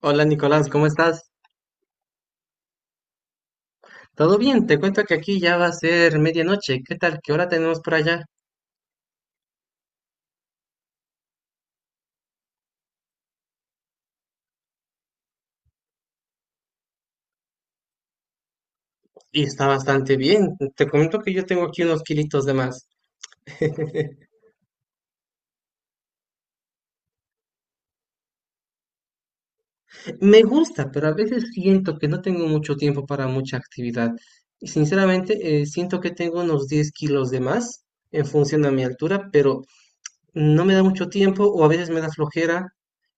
Hola Nicolás, ¿cómo estás? ¿Todo bien? Te cuento que aquí ya va a ser medianoche. ¿Qué tal? ¿Qué hora tenemos por allá? Y está bastante bien. Te comento que yo tengo aquí unos kilitos de más. Me gusta, pero a veces siento que no tengo mucho tiempo para mucha actividad. Y sinceramente, siento que tengo unos 10 kilos de más en función a mi altura, pero no me da mucho tiempo o a veces me da flojera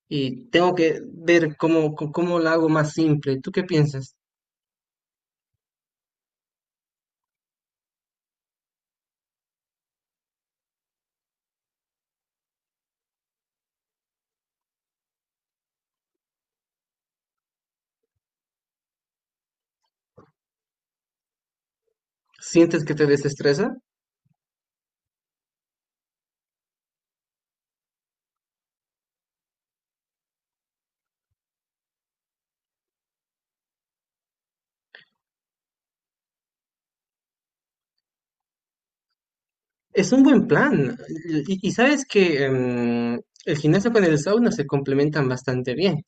y tengo que ver cómo, cómo la hago más simple. ¿Tú qué piensas? ¿Sientes que te desestresa? Es un buen plan. Y sabes que el gimnasio con el sauna se complementan bastante bien.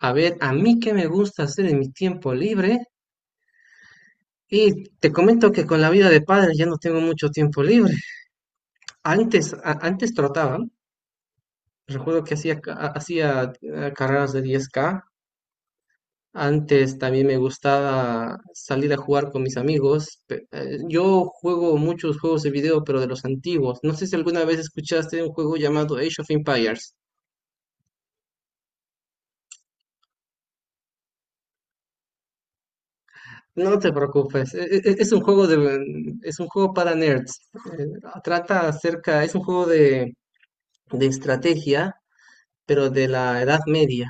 A ver, a mí qué me gusta hacer en mi tiempo libre. Y te comento que con la vida de padre ya no tengo mucho tiempo libre. Antes, antes trotaba. Recuerdo que hacía, hacía carreras de 10 K. Antes también me gustaba salir a jugar con mis amigos. Yo juego muchos juegos de video, pero de los antiguos. No sé si alguna vez escuchaste un juego llamado Age of Empires. No te preocupes, es un juego es un juego para nerds. Eh, Trata acerca, es un juego de estrategia, pero de la Edad Media.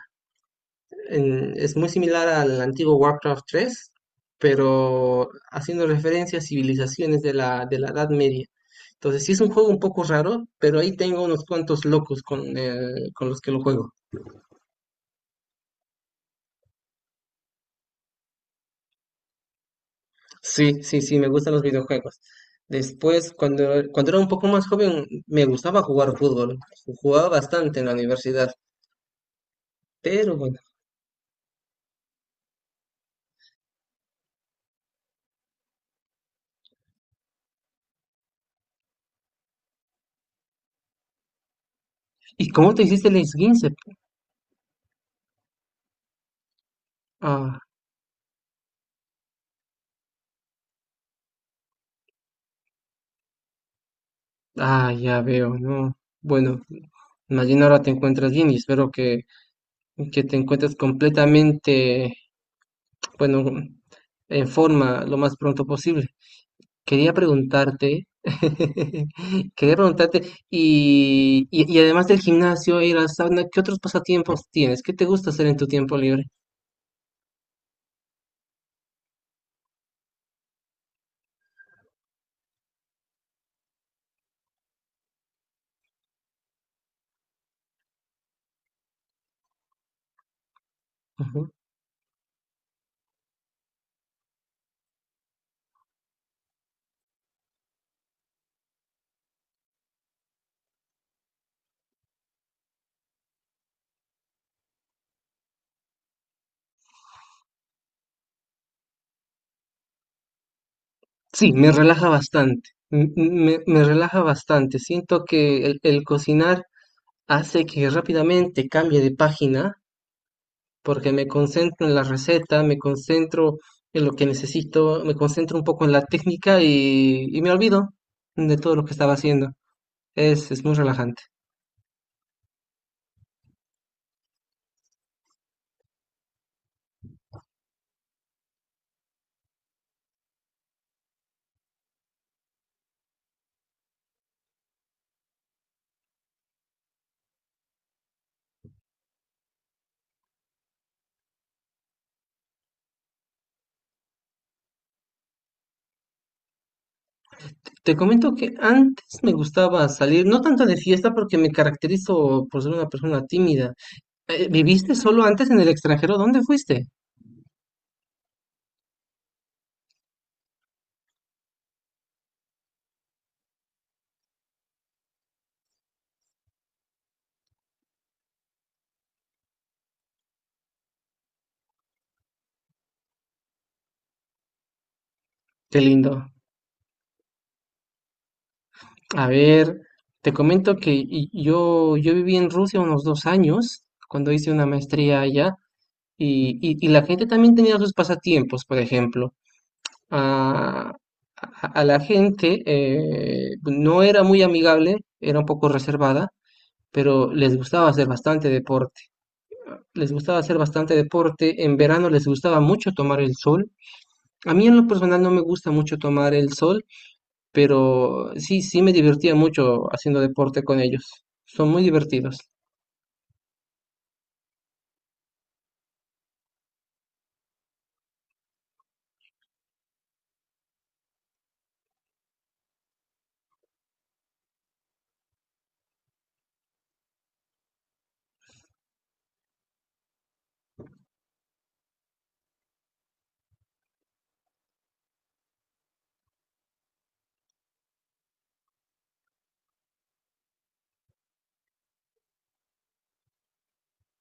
Es muy similar al antiguo Warcraft 3, pero haciendo referencia a civilizaciones de la Edad Media. Entonces sí es un juego un poco raro, pero ahí tengo unos cuantos locos con los que lo juego. Sí, sí, sí, me gustan los videojuegos. Después, cuando era un poco más joven, me gustaba jugar fútbol. Jugaba bastante en la universidad, pero bueno. ¿Y cómo te hiciste el esguince? Ah, ah, ya veo, ¿no? Bueno, más bien ahora te encuentras bien y espero que te encuentres completamente, bueno, en forma lo más pronto posible. Quería preguntarte, quería preguntarte, y además del gimnasio y la sauna, ¿qué otros pasatiempos tienes? ¿Qué te gusta hacer en tu tiempo libre? Ujú. Sí, me relaja bastante, me relaja bastante. Siento que el cocinar hace que rápidamente cambie de página, porque me concentro en la receta, me concentro en lo que necesito, me concentro un poco en la técnica y me olvido de todo lo que estaba haciendo. Es muy relajante. Te comento que antes me gustaba salir, no tanto de fiesta porque me caracterizo por ser una persona tímida. ¿Viviste solo antes en el extranjero? ¿Dónde fuiste? Qué lindo. A ver, te comento que yo viví en Rusia unos 2 años cuando hice una maestría allá y la gente también tenía sus pasatiempos, por ejemplo. Ah, a la gente no era muy amigable, era un poco reservada, pero les gustaba hacer bastante deporte. Les gustaba hacer bastante deporte, en verano les gustaba mucho tomar el sol. A mí en lo personal no me gusta mucho tomar el sol, pero sí, sí me divertía mucho haciendo deporte con ellos. Son muy divertidos.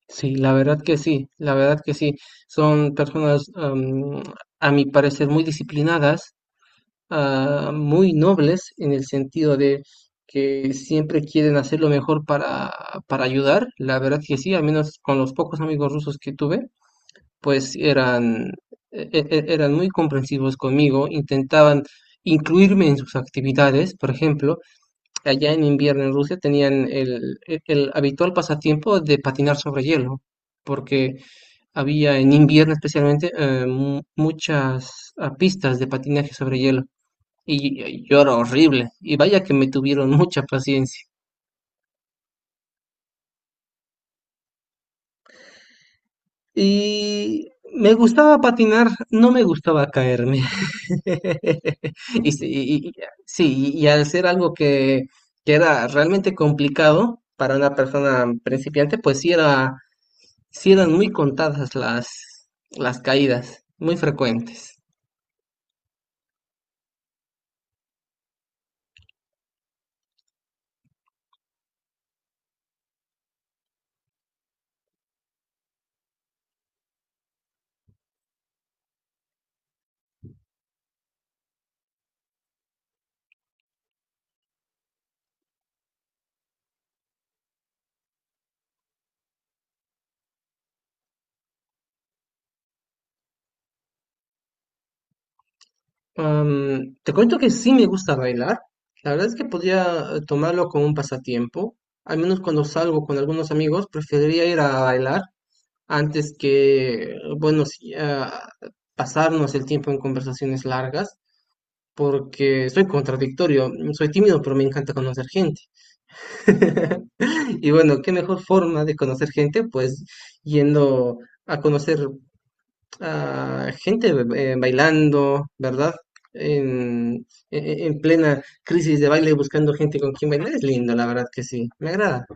Sí, la verdad que sí, la verdad que sí. Son personas, a mi parecer, muy disciplinadas, muy nobles en el sentido de que siempre quieren hacer lo mejor para ayudar. La verdad que sí, al menos con los pocos amigos rusos que tuve pues eran, eran muy comprensivos conmigo, intentaban incluirme en sus actividades, por ejemplo, allá en invierno en Rusia tenían el habitual pasatiempo de patinar sobre hielo, porque había en invierno especialmente muchas pistas de patinaje sobre hielo. Y yo era horrible, y vaya que me tuvieron mucha paciencia. Y me gustaba patinar, no me gustaba caerme. Y, sí, y- y- sí, y al ser algo que era realmente complicado para una persona principiante, pues sí, sí eran muy contadas las caídas, muy frecuentes. Te cuento que sí me gusta bailar. La verdad es que podría tomarlo como un pasatiempo. Al menos cuando salgo con algunos amigos, preferiría ir a bailar antes que, bueno, sí, pasarnos el tiempo en conversaciones largas, porque soy contradictorio, soy tímido, pero me encanta conocer gente. Y bueno, qué mejor forma de conocer gente, pues yendo a conocer a gente bailando, ¿verdad? En plena crisis de baile, buscando gente con quien bailar, es lindo, la verdad que sí, me agrada.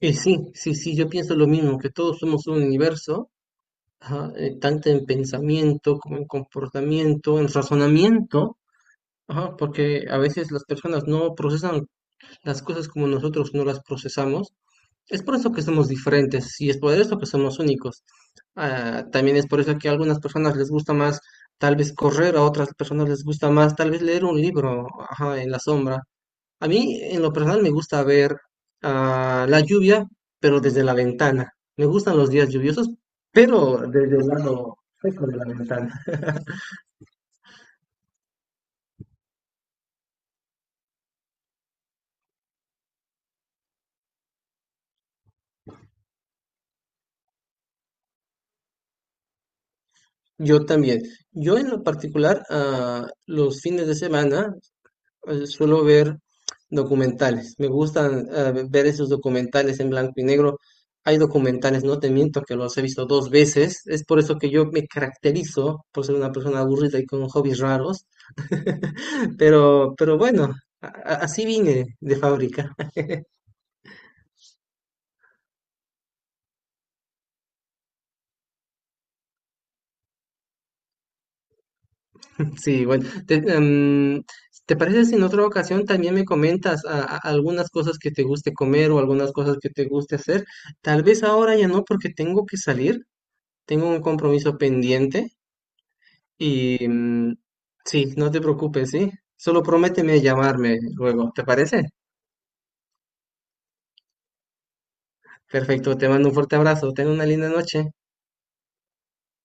Y sí, sí, sí, yo pienso lo mismo, que todos somos un universo, ajá, tanto en pensamiento como en comportamiento, en razonamiento. Ajá, porque a veces las personas no procesan las cosas como nosotros no las procesamos. Es por eso que somos diferentes y es por eso que somos únicos. Ah, también es por eso que a algunas personas les gusta más tal vez correr, a otras personas les gusta más tal vez leer un libro, ajá, en la sombra. A mí en lo personal me gusta ver la lluvia, pero desde la ventana. Me gustan los días lluviosos, pero desde el lado seco de la ventana. Yo también. Yo en lo particular, los fines de semana suelo ver documentales. Me gustan ver esos documentales en blanco y negro. Hay documentales, no te miento, que los he visto 2 veces. Es por eso que yo me caracterizo por ser una persona aburrida y con hobbies raros. Pero bueno, así vine de fábrica. Sí, bueno, ¿te parece si en otra ocasión también me comentas algunas cosas que te guste comer o algunas cosas que te guste hacer? Tal vez ahora ya no, porque tengo que salir, tengo un compromiso pendiente y sí, no te preocupes, ¿sí? Solo prométeme llamarme luego, ¿te parece? Perfecto, te mando un fuerte abrazo, ten una linda noche.